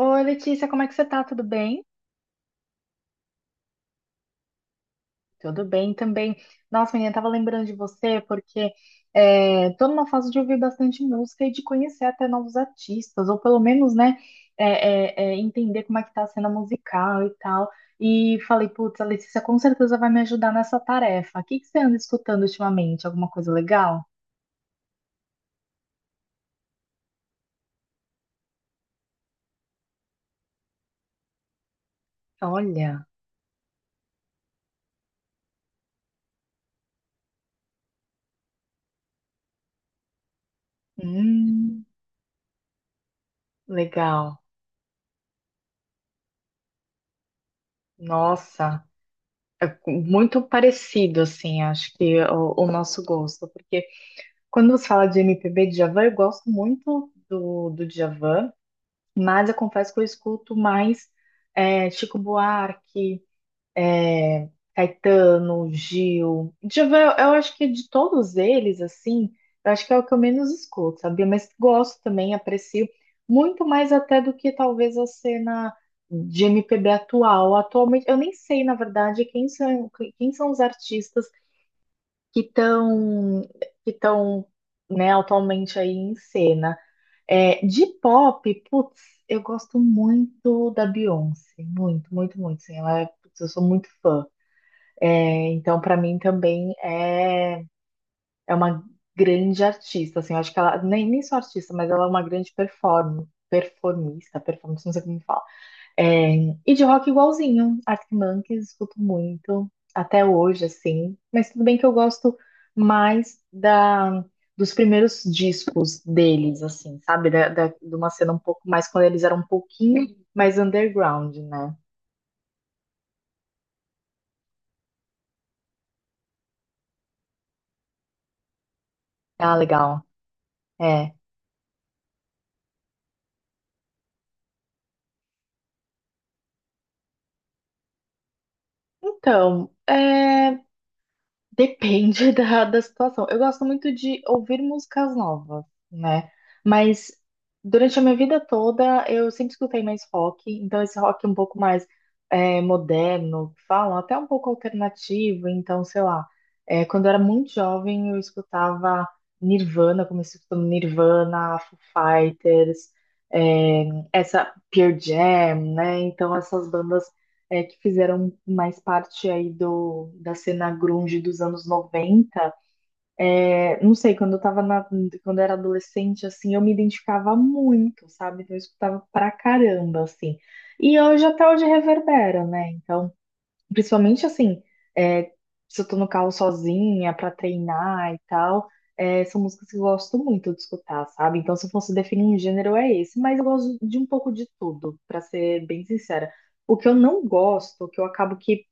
Oi, Letícia, como é que você tá? Tudo bem? Tudo bem também. Nossa, menina, tava lembrando de você porque tô numa fase de ouvir bastante música e de conhecer até novos artistas, ou pelo menos, né, entender como é que tá a cena musical e tal. E falei, putz, a Letícia com certeza vai me ajudar nessa tarefa. O que que você anda escutando ultimamente? Alguma coisa legal? Olha, hum, legal. Nossa, é muito parecido, assim, acho que o nosso gosto, porque quando você fala de MPB, Djavan, eu gosto muito do Djavan, mas eu confesso que eu escuto mais Chico Buarque, é, Caetano, Gil. Djavan, eu acho que de todos eles, assim, eu acho que é o que eu menos escuto, sabia? Mas gosto também, aprecio muito mais até do que talvez a cena de MPB atual. Atualmente, eu nem sei, na verdade, quem são os artistas que estão que estão né, atualmente aí em cena. De pop, putz, eu gosto muito da Beyoncé, muito, muito, muito, sim, ela é, putz, eu sou muito fã. Então, para mim também é uma grande artista, assim, eu acho que ela nem só artista, mas ela é uma grande performance, não sei como fala. É, e de rock igualzinho, Arctic Monkeys, escuto muito, até hoje, assim. Mas tudo bem que eu gosto mais dos primeiros discos deles, assim, sabe? De uma cena um pouco mais, quando eles eram um pouquinho mais underground, né? Ah, legal. É. Então, depende da situação. Eu gosto muito de ouvir músicas novas, né? Mas durante a minha vida toda eu sempre escutei mais rock, então esse rock um pouco mais moderno, que falam, até um pouco alternativo. Então, sei lá, quando eu era muito jovem eu escutava Nirvana, comecei escutando Nirvana, Foo Fighters, é, essa Pearl Jam, né? Então essas bandas que fizeram mais parte aí do, da cena grunge dos anos 90, não sei, quando eu era adolescente, assim, eu me identificava muito, sabe? Então eu escutava pra caramba, assim. E hoje até hoje reverbera, né? Então principalmente assim, é, se eu tô no carro sozinha pra treinar e tal, são músicas que eu gosto muito de escutar, sabe? Então, se eu fosse definir um gênero, é esse, mas eu gosto de um pouco de tudo, pra ser bem sincera. O que eu não gosto, o que eu acabo que,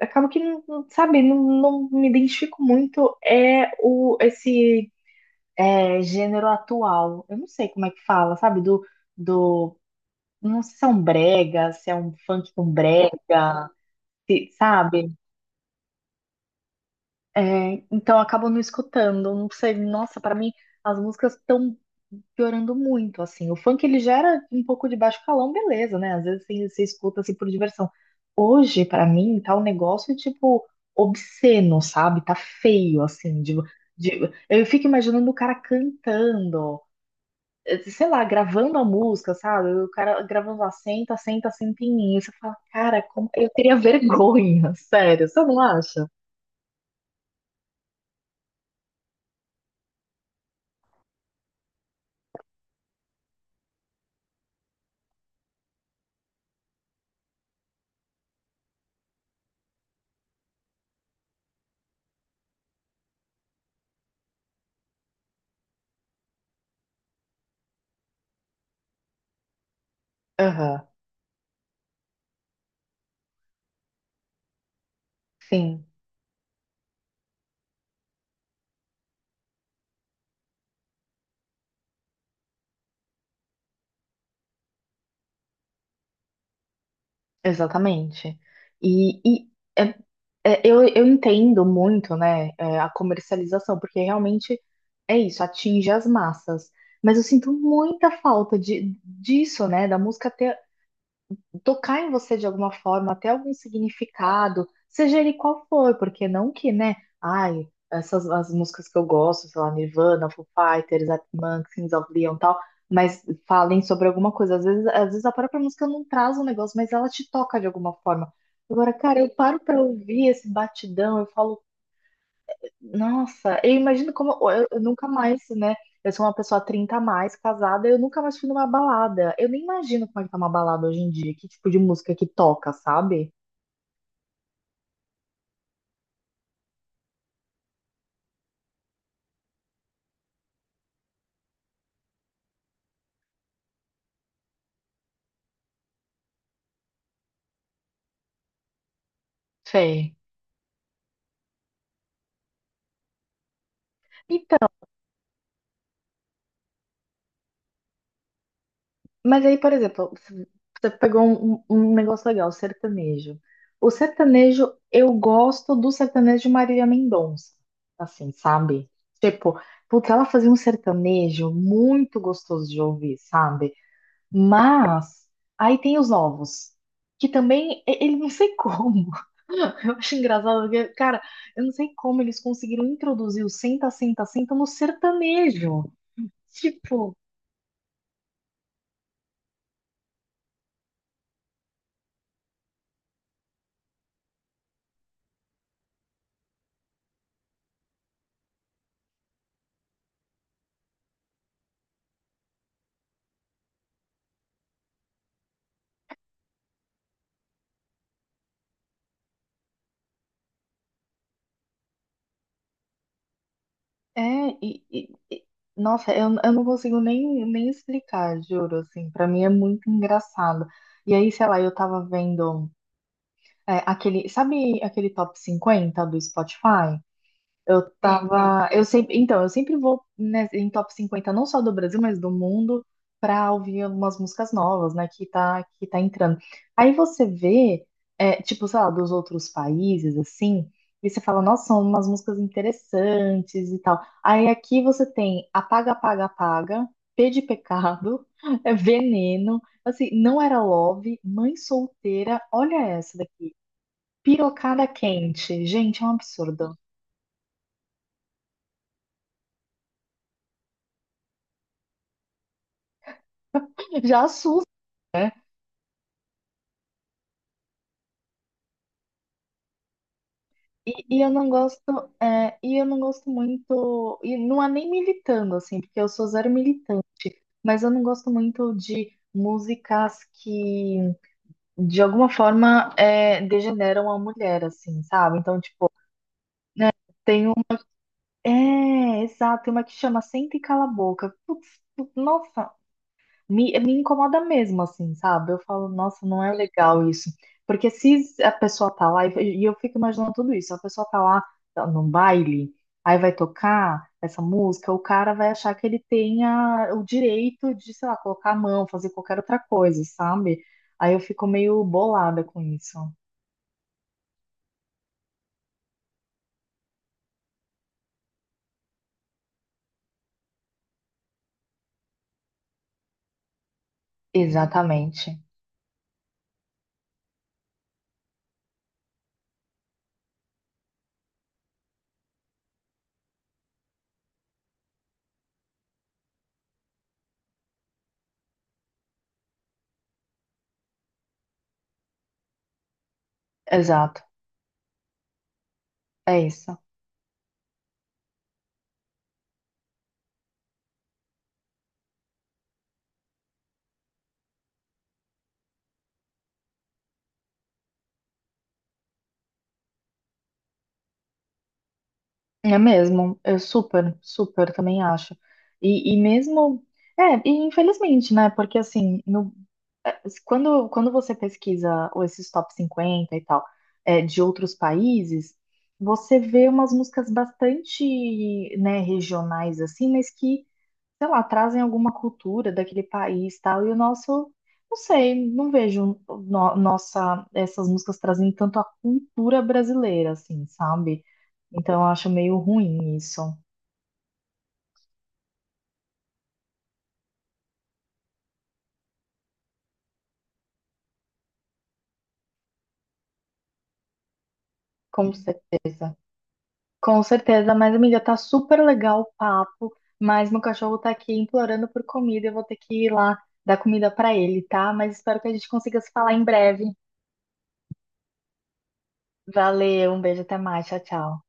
acabo que, sabe, não me identifico muito é esse gênero atual. Eu não sei como é que fala, sabe? Do, não sei se é um brega, se é um funk com brega, sabe? É, então acabam não escutando. Não sei, nossa, pra mim as músicas estão piorando muito, assim. O funk ele gera um pouco de baixo calão, beleza, né? Às vezes assim, você escuta assim por diversão. Hoje, pra mim, tá um negócio tipo obsceno, sabe? Tá feio, assim. De- eu fico imaginando o cara cantando, sei lá, gravando a música, sabe? O cara gravando lá, senta, senta, senta em mim. E você fala, cara, como... eu teria vergonha, sério, você não acha? Aham, sim. Exatamente. E é, eu entendo muito, né, a comercialização, porque realmente é isso, atinge as massas. Mas eu sinto muita falta disso, né, da música ter tocar em você de alguma forma, até algum significado, seja ele qual for, porque não que, né? Ai, essas as músicas que eu gosto, sei lá, Nirvana, Foo Fighters, Arctic Monkeys, Kings of Leon, e tal, mas falem sobre alguma coisa. Às vezes a própria música não traz um negócio, mas ela te toca de alguma forma. Agora, cara, eu paro pra ouvir esse batidão, eu falo, nossa, eu imagino como eu nunca mais, né? Eu sou uma pessoa 30 a mais, casada, eu nunca mais fui numa balada. Eu nem imagino como é que tá uma balada hoje em dia, que tipo de música que toca, sabe? Sei. Então, mas aí, por exemplo, você pegou um negócio legal, sertanejo. O sertanejo, eu gosto do sertanejo de Marília Mendonça, assim, sabe? Tipo, porque ela fazia um sertanejo muito gostoso de ouvir, sabe? Mas aí tem os ovos, que também ele não sei como. Eu acho engraçado, porque, cara, eu não sei como eles conseguiram introduzir o senta, senta, senta no sertanejo. Tipo, é, e, e- e- nossa, eu não consigo nem explicar, juro, assim, pra mim é muito engraçado. E aí, sei lá, eu tava vendo aquele, sabe aquele top 50 do Spotify? Eu tava. Eu sempre, então, eu sempre vou né, em top 50, não só do Brasil, mas do mundo, pra ouvir algumas músicas novas, né? Que tá entrando. Aí você vê, tipo, sei lá, dos outros países, assim, e você fala, nossa, são umas músicas interessantes e tal. Aí aqui você tem Apaga, Apaga, Apaga, P de Pecado, é Veneno, assim, Não Era Love, Mãe Solteira, olha essa daqui. Pirocada quente. Gente, é um absurdo. Já assusta. Né? E, e eu não gosto, e eu não gosto muito, e não é nem militando, assim, porque eu sou zero militante, mas eu não gosto muito de músicas que, de alguma forma, degeneram a mulher, assim, sabe? Então, tipo, né, tem um. É, exato, tem uma que chama Senta e Cala a Boca. Putz, nossa. Me incomoda mesmo, assim, sabe? Eu falo, nossa, não é legal isso. Porque se a pessoa tá lá, e eu fico imaginando tudo isso, a pessoa tá lá tá num baile, aí vai tocar essa música, o cara vai achar que ele tenha o direito de, sei lá, colocar a mão, fazer qualquer outra coisa, sabe? Aí eu fico meio bolada com isso. Exatamente, exato, é isso. É mesmo, eu super, super também acho. E mesmo, e infelizmente, né? Porque assim, no Assim, quando você pesquisa esses top 50 e tal, de outros países, você vê umas músicas bastante, né, regionais, assim, mas que, sei lá, trazem alguma cultura daquele país tal. E o nosso, não sei, não vejo nossa, essas músicas trazendo tanto a cultura brasileira, assim, sabe? Então eu acho meio ruim isso, com certeza. Com certeza, mas amiga, tá super legal o papo, mas meu cachorro tá aqui implorando por comida, eu vou ter que ir lá dar comida pra ele, tá? Mas espero que a gente consiga se falar em breve. Valeu, um beijo, até mais, tchau, tchau.